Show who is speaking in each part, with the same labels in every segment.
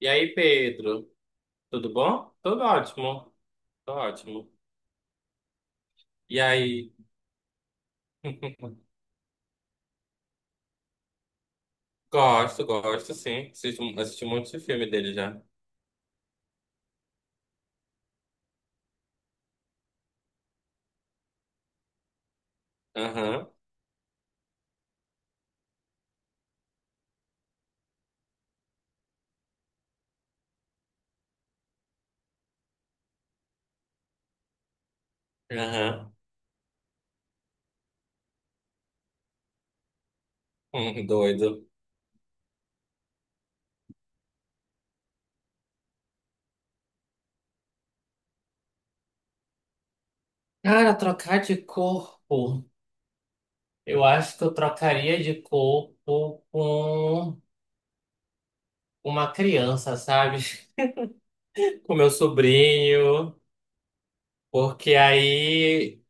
Speaker 1: E aí, Pedro? Tudo bom? Tudo ótimo. Tô ótimo. E aí? Gosto, sim. Assisti um monte de filme dele já. Aham, aham. Doido. Cara, trocar de corpo. Eu acho que eu trocaria de corpo com uma criança, sabe? Com meu sobrinho. Porque aí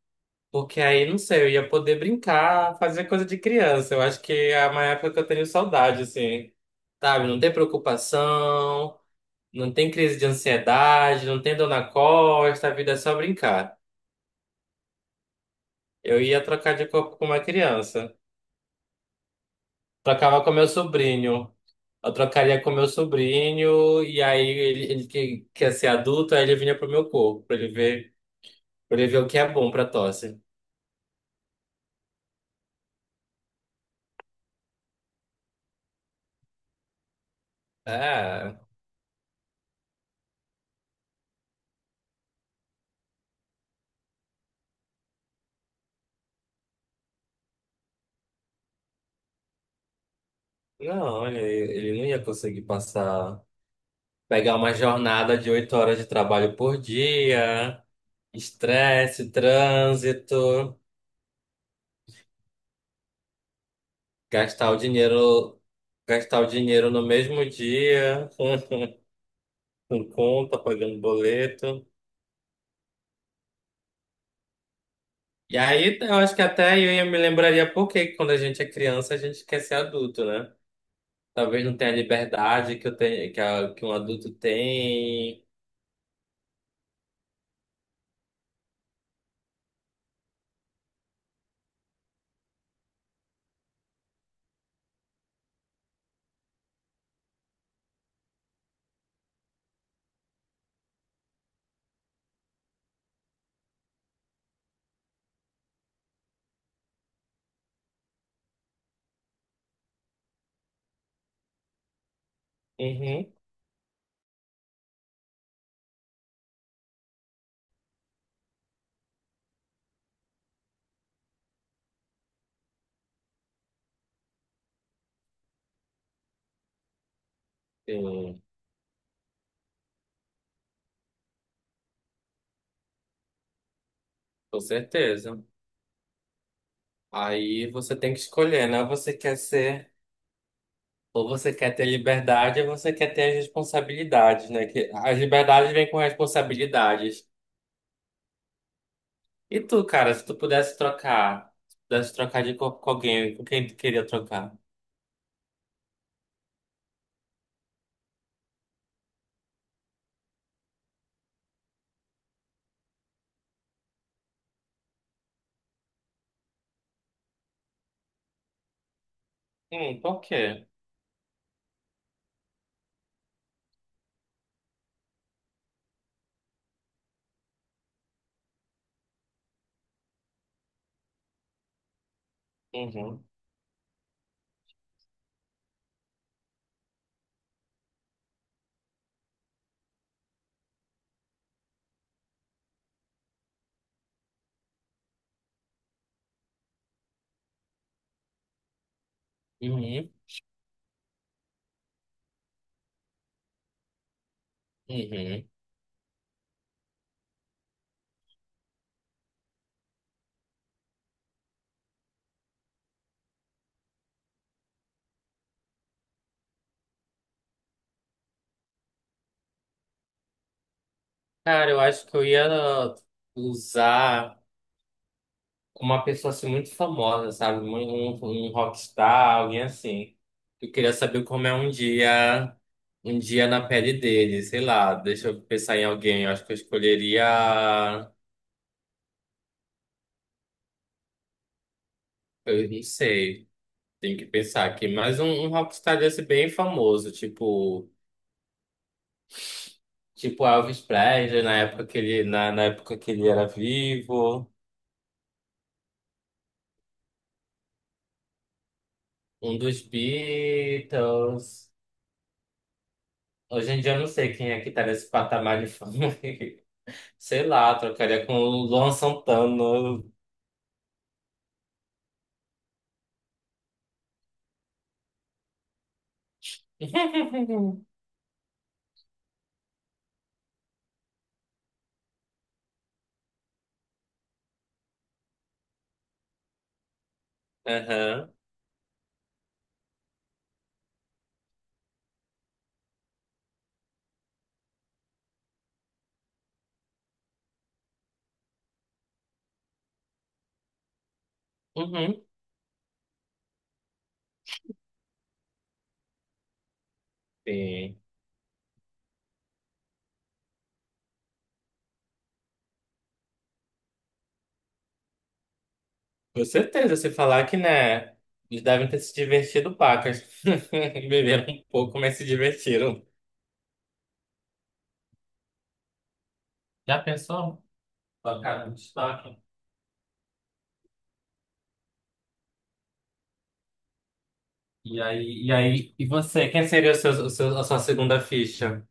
Speaker 1: Porque aí, não sei, eu ia poder brincar, fazer coisa de criança. Eu acho que é uma época que eu tenho saudade, assim. Sabe? Não tem preocupação, não tem crise de ansiedade, não tem dor na costa, a vida é só brincar. Eu ia trocar de corpo com uma criança. Trocava com meu sobrinho. Eu trocaria com meu sobrinho, e aí ele que quer ser adulto, aí ele vinha pro meu corpo, pra ele ver o que é bom pra tosse. É, não, ele não ia conseguir passar. Pegar uma jornada de 8 horas de trabalho por dia, estresse, trânsito, gastar o dinheiro, gastar o dinheiro no mesmo dia, com conta, pagando boleto. E aí eu acho que até eu ia me lembraria por que quando a gente é criança a gente quer ser adulto, né? Talvez não tenha a liberdade que eu tenho, que um adulto tem. Uhum. Sim, com certeza. Aí você tem que escolher, né? Você quer ser Ou você quer ter liberdade, ou você quer ter as responsabilidades, né? Que as liberdades vêm com responsabilidades. E tu, cara, se pudesse trocar de corpo com alguém, com quem tu queria trocar? Por quê? Uhum. Uhum. Uhum. Cara, eu acho que eu ia usar. Uma pessoa assim muito famosa, sabe? Um rockstar, alguém assim. Eu queria saber como é um dia na pele dele, sei lá, deixa eu pensar em alguém, eu acho que eu escolheria, eu não sei, tenho que pensar aqui, mas um rockstar desse bem famoso, tipo Elvis Presley, na, na época que ele era vivo, um dos Beatles. Hoje em dia eu não sei quem é que tá nesse patamar de fama. Sei lá, trocaria com o Luan Santana. Aham. Uhum. Sim. Com certeza, se falar que, né, eles devem ter se divertido pacas. Beberam um pouco, mas se divertiram. Já pensou? Tocaram no destaque? E aí, e você? Quem seria a sua segunda ficha?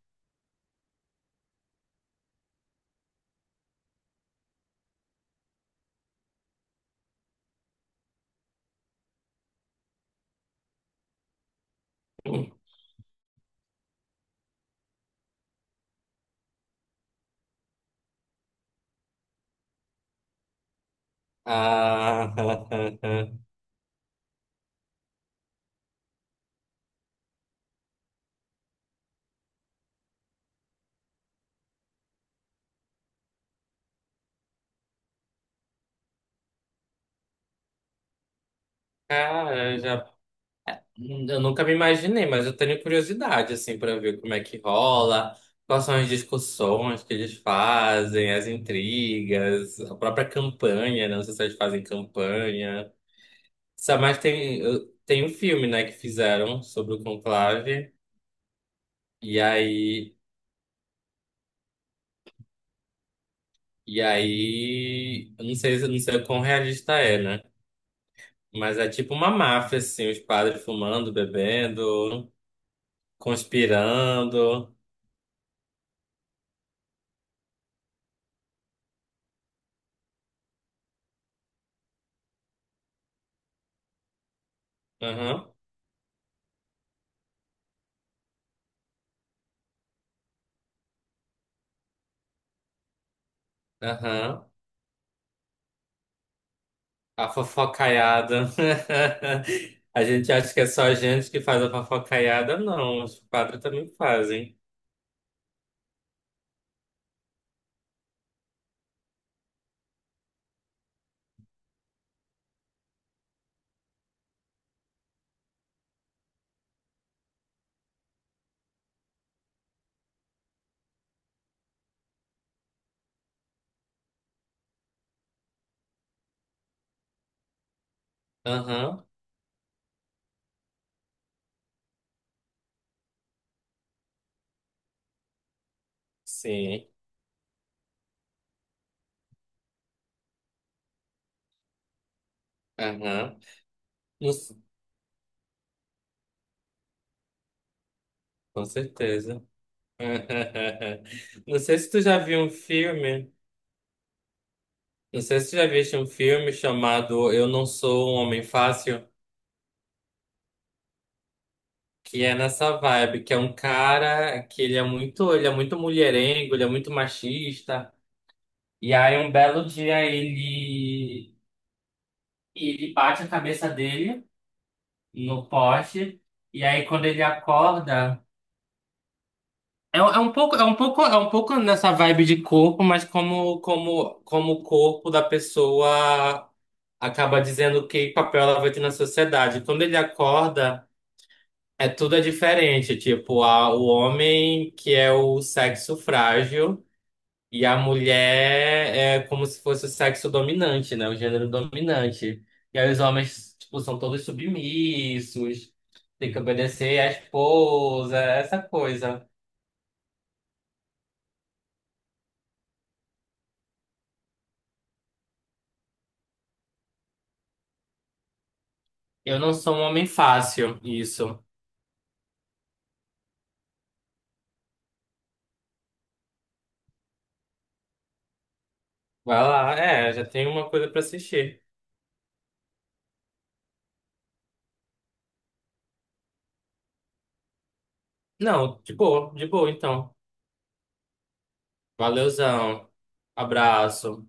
Speaker 1: Ah, cara, eu já. Eu nunca me imaginei, mas eu tenho curiosidade, assim, para ver como é que rola, quais são as discussões que eles fazem, as intrigas, a própria campanha, né? Não sei se eles fazem campanha. Sabe, mas tem, tem um filme, né, que fizeram sobre o Conclave, e aí, e aí, eu não sei o quão realista é, né? Mas é tipo uma máfia, assim, os padres fumando, bebendo, conspirando. Aham, aham. A fofocaiada. A gente acha que é só a gente que faz a fofocaiada. Não, os padres também fazem. Aham, sim. Aham. Não s- Com certeza. Não sei se tu já viu um filme. Não sei se tu já viste um filme chamado Eu Não Sou um Homem Fácil, que é nessa vibe, que é um cara que ele é muito mulherengo, ele é muito machista. E aí um belo dia ele E ele bate a cabeça dele no poste. E aí quando ele acorda. É um pouco, é um pouco, é um pouco nessa vibe de corpo, mas como o corpo da pessoa acaba dizendo que papel ela vai ter na sociedade. Quando ele acorda, é tudo é diferente. Tipo, a, o homem que é o sexo frágil. E a mulher é como se fosse o sexo dominante, né? O gênero dominante. E aí os homens, tipo, são todos submissos, tem que obedecer à esposa, essa coisa. Eu não sou um homem fácil, isso. Vai lá, é, já tem uma coisa pra assistir. Não, de boa então. Valeuzão. Abraço.